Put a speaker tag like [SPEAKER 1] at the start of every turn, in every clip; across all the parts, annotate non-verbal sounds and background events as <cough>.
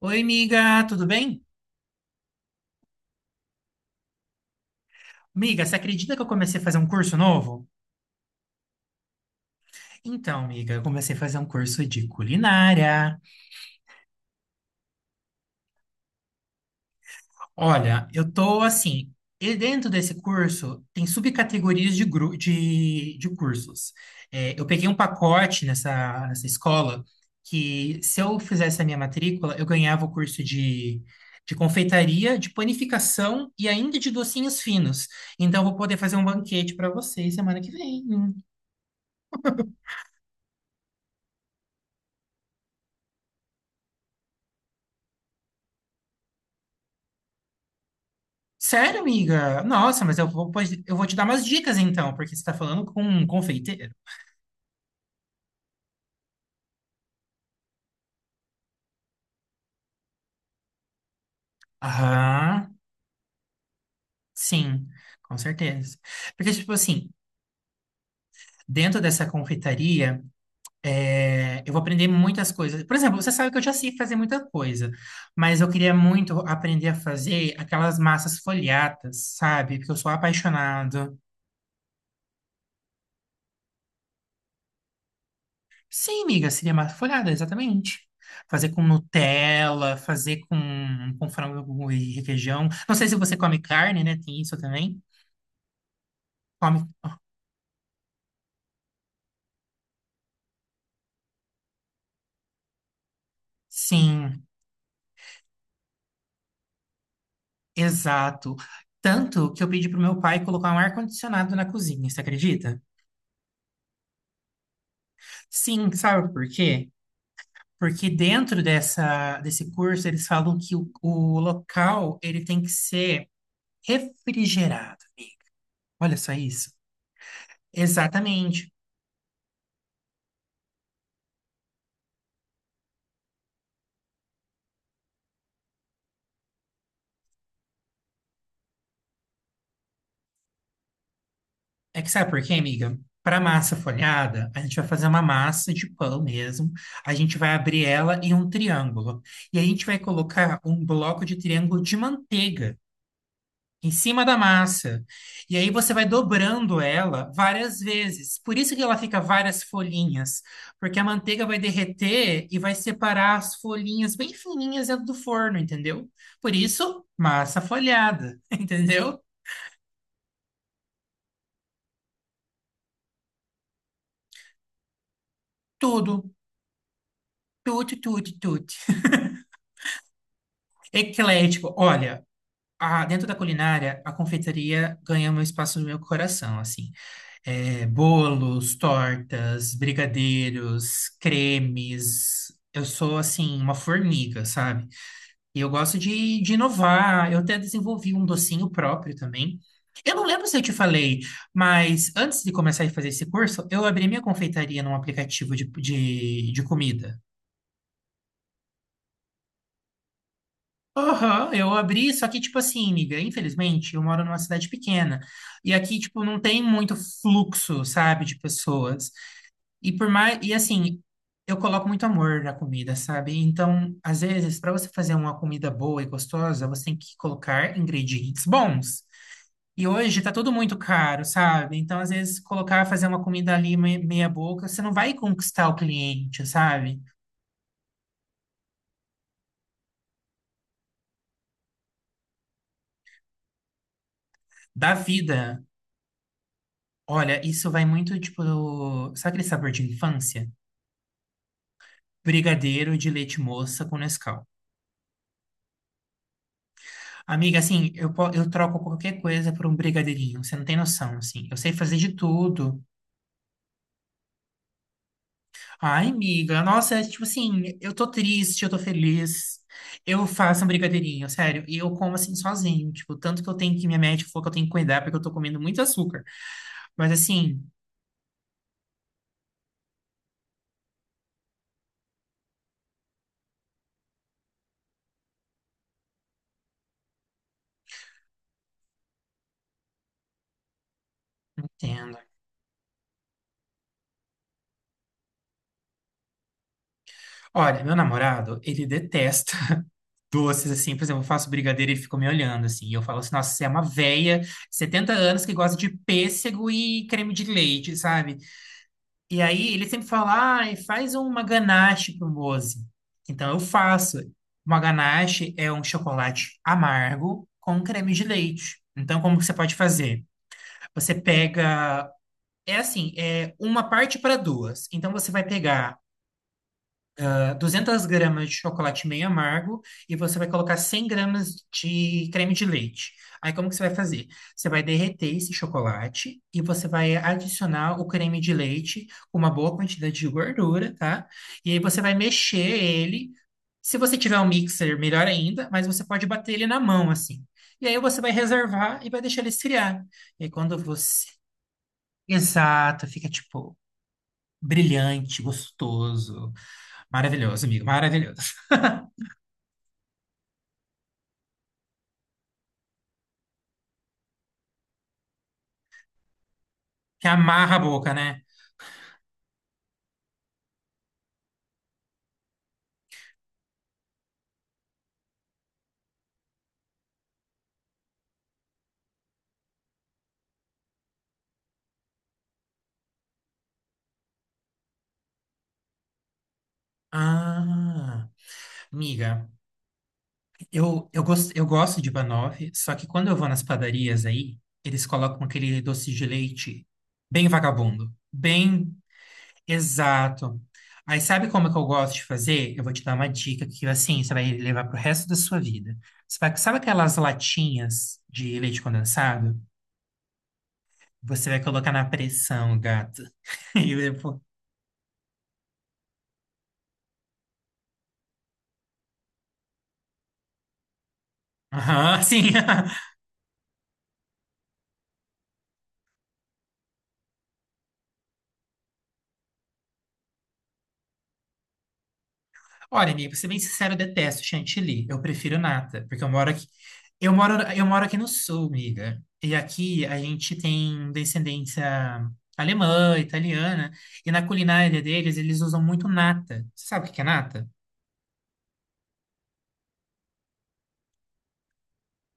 [SPEAKER 1] Oi, amiga. Tudo bem? Amiga, você acredita que eu comecei a fazer um curso novo? Então, amiga, eu comecei a fazer um curso de culinária. Olha, eu tô assim, e dentro desse curso tem subcategorias de cursos. É, eu peguei um pacote nessa escola que, se eu fizesse a minha matrícula, eu ganhava o curso de confeitaria, de panificação e ainda de docinhos finos. Então, eu vou poder fazer um banquete para vocês semana que vem. Sério, amiga? Nossa, mas eu vou te dar umas dicas então, porque você está falando com um confeiteiro. Aham, sim, com certeza. Porque, tipo assim, dentro dessa confeitaria, eu vou aprender muitas coisas. Por exemplo, você sabe que eu já sei fazer muita coisa, mas eu queria muito aprender a fazer aquelas massas folhadas, sabe? Porque eu sou apaixonado. Sim, amiga, seria massa folhada, exatamente. Fazer com Nutella, fazer com frango e requeijão. Não sei se você come carne, né? Tem isso também. Come. Sim, exato. Tanto que eu pedi pro meu pai colocar um ar-condicionado na cozinha, você acredita? Sim, sabe por quê? Porque dentro desse curso eles falam que o local ele tem que ser refrigerado, amiga. Olha só isso. Exatamente. É que sabe por quê, amiga? Para massa folhada, a gente vai fazer uma massa de pão mesmo. A gente vai abrir ela em um triângulo. E a gente vai colocar um bloco de triângulo de manteiga em cima da massa. E aí você vai dobrando ela várias vezes. Por isso que ela fica várias folhinhas, porque a manteiga vai derreter e vai separar as folhinhas bem fininhas dentro do forno, entendeu? Por isso, massa folhada, <laughs> entendeu? Tudo, tudo, tudo, tudo. Eclético. Olha, dentro da culinária, a confeitaria ganha um espaço no meu coração, assim. É, bolos, tortas, brigadeiros, cremes. Eu sou, assim, uma formiga, sabe? E eu gosto de inovar. Eu até desenvolvi um docinho próprio também. Eu não lembro se eu te falei, mas antes de começar a fazer esse curso, eu abri minha confeitaria num aplicativo de comida. Aham, eu abri, só que, tipo assim, amiga, infelizmente, eu moro numa cidade pequena. E aqui, tipo, não tem muito fluxo, sabe, de pessoas. E por mais. E assim, eu coloco muito amor na comida, sabe? Então, às vezes, para você fazer uma comida boa e gostosa, você tem que colocar ingredientes bons. E hoje tá tudo muito caro, sabe? Então, às vezes, colocar, fazer uma comida ali meia boca, você não vai conquistar o cliente, sabe? Da vida. Olha, isso vai muito, tipo, sabe aquele sabor de infância? Brigadeiro de leite moça com Nescau. Amiga, assim, eu troco qualquer coisa por um brigadeirinho, você não tem noção, assim. Eu sei fazer de tudo. Ai, amiga, nossa, é tipo assim, eu tô triste, eu tô feliz. Eu faço um brigadeirinho, sério. E eu como assim sozinho, tipo, tanto que eu tenho que minha médica falou que eu tenho que cuidar porque eu tô comendo muito açúcar. Mas assim, não entendo. Olha, meu namorado, ele detesta doces, assim, por exemplo, eu faço brigadeiro e ele fica me olhando, assim, e eu falo assim, nossa, você é uma véia, 70 anos, que gosta de pêssego e creme de leite, sabe? E aí ele sempre fala, ai, faz uma ganache pro Mose. Então eu faço. Uma ganache é um chocolate amargo com creme de leite. Então, como que você pode fazer? Você pega, é assim, é uma parte para duas. Então, você vai pegar 200 gramas de chocolate meio amargo e você vai colocar 100 gramas de creme de leite. Aí como que você vai fazer? Você vai derreter esse chocolate e você vai adicionar o creme de leite com uma boa quantidade de gordura, tá? E aí você vai mexer ele. Se você tiver um mixer, melhor ainda, mas você pode bater ele na mão assim. E aí você vai reservar e vai deixar ele esfriar. E aí quando você... Exato, fica tipo brilhante, gostoso. Maravilhoso, amigo, maravilhoso. Que amarra a boca, né? Ah, amiga, eu gosto de banoffee, só que quando eu vou nas padarias aí, eles colocam aquele doce de leite bem vagabundo, bem exato. Aí sabe como é que eu gosto de fazer? Eu vou te dar uma dica que, assim, você vai levar pro resto da sua vida. Sabe aquelas latinhas de leite condensado? Você vai colocar na pressão, gato. <laughs> E eu Aham, sim. <laughs> Olha, amigo, pra ser bem sincero, eu detesto chantilly. Eu prefiro nata, porque eu moro aqui. Eu moro aqui no sul, amiga. E aqui a gente tem descendência alemã, italiana, e na culinária deles eles usam muito nata. Você sabe o que que é nata?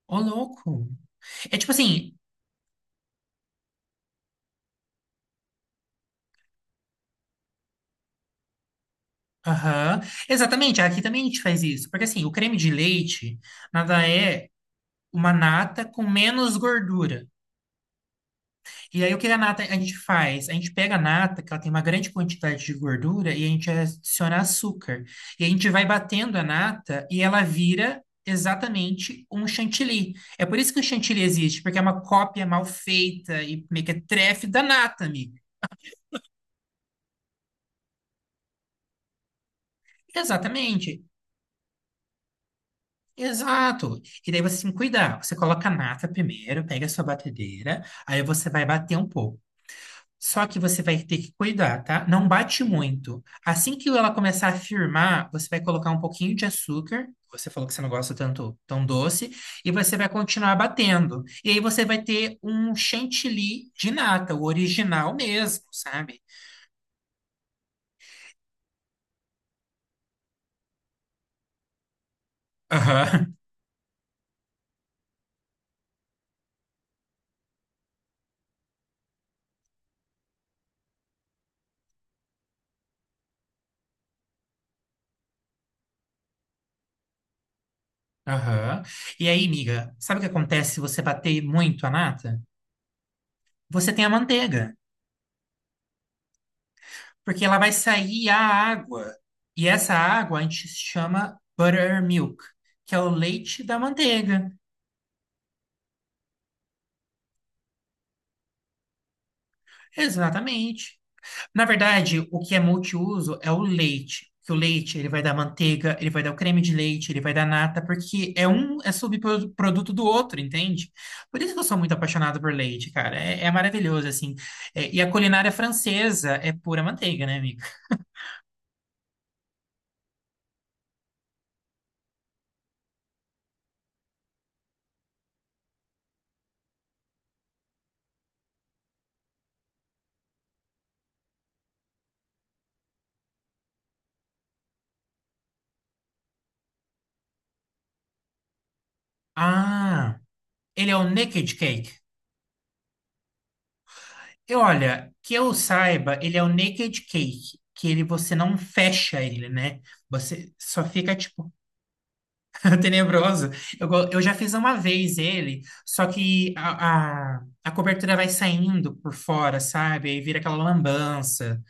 [SPEAKER 1] Ô, louco! É tipo assim, aham, exatamente, aqui também a gente faz isso, porque assim, o creme de leite nada é uma nata com menos gordura. E aí, o que a nata a gente faz? A gente pega a nata, que ela tem uma grande quantidade de gordura, e a gente adiciona açúcar. E a gente vai batendo a nata e ela vira exatamente um chantilly. É por isso que o chantilly existe, porque é uma cópia mal feita e mequetrefe da nata, amigo. Exatamente. Exato. E daí você tem que cuidar. Você coloca a nata primeiro, pega a sua batedeira, aí você vai bater um pouco. Só que você vai ter que cuidar, tá? Não bate muito. Assim que ela começar a firmar, você vai colocar um pouquinho de açúcar. Você falou que você não gosta tanto tão doce, e você vai continuar batendo. E aí você vai ter um chantilly de nata, o original mesmo, sabe? Aham, <laughs> aham. E aí, amiga, sabe o que acontece se você bater muito a nata? Você tem a manteiga, porque ela vai sair a água. E essa água a gente chama buttermilk, que é o leite da manteiga. Exatamente. Na verdade, o que é multiuso é o leite. Que o leite, ele vai dar manteiga, ele vai dar o creme de leite, ele vai dar nata, porque é um subproduto do outro, entende? Por isso que eu sou muito apaixonado por leite, cara. É maravilhoso, assim. É, e a culinária francesa é pura manteiga, né, amiga? Ah, ele é o Naked Cake. E olha, que eu saiba, ele é o Naked Cake, que ele você não fecha ele, né? Você só fica, tipo, <laughs> tenebroso. Eu já fiz uma vez ele, só que a cobertura vai saindo por fora, sabe? Aí vira aquela lambança.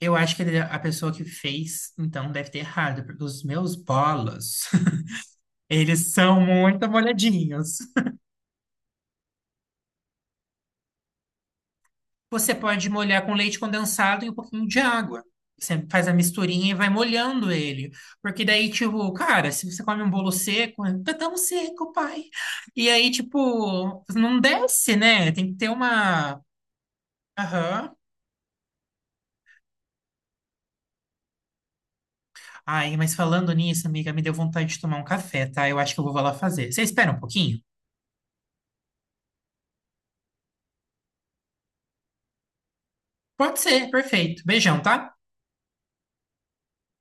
[SPEAKER 1] Eu acho que é a pessoa que fez, então, deve ter errado, porque os meus bolos, <laughs> eles são muito molhadinhos. Você pode molhar com leite condensado e um pouquinho de água. Você faz a misturinha e vai molhando ele. Porque daí, tipo, cara, se você come um bolo seco, tá tão seco, pai. E aí, tipo, não desce, né? Tem que ter uma. Aham. Ai, mas falando nisso, amiga, me deu vontade de tomar um café, tá? Eu acho que eu vou lá fazer. Você espera um pouquinho? Pode ser, perfeito. Beijão, tá?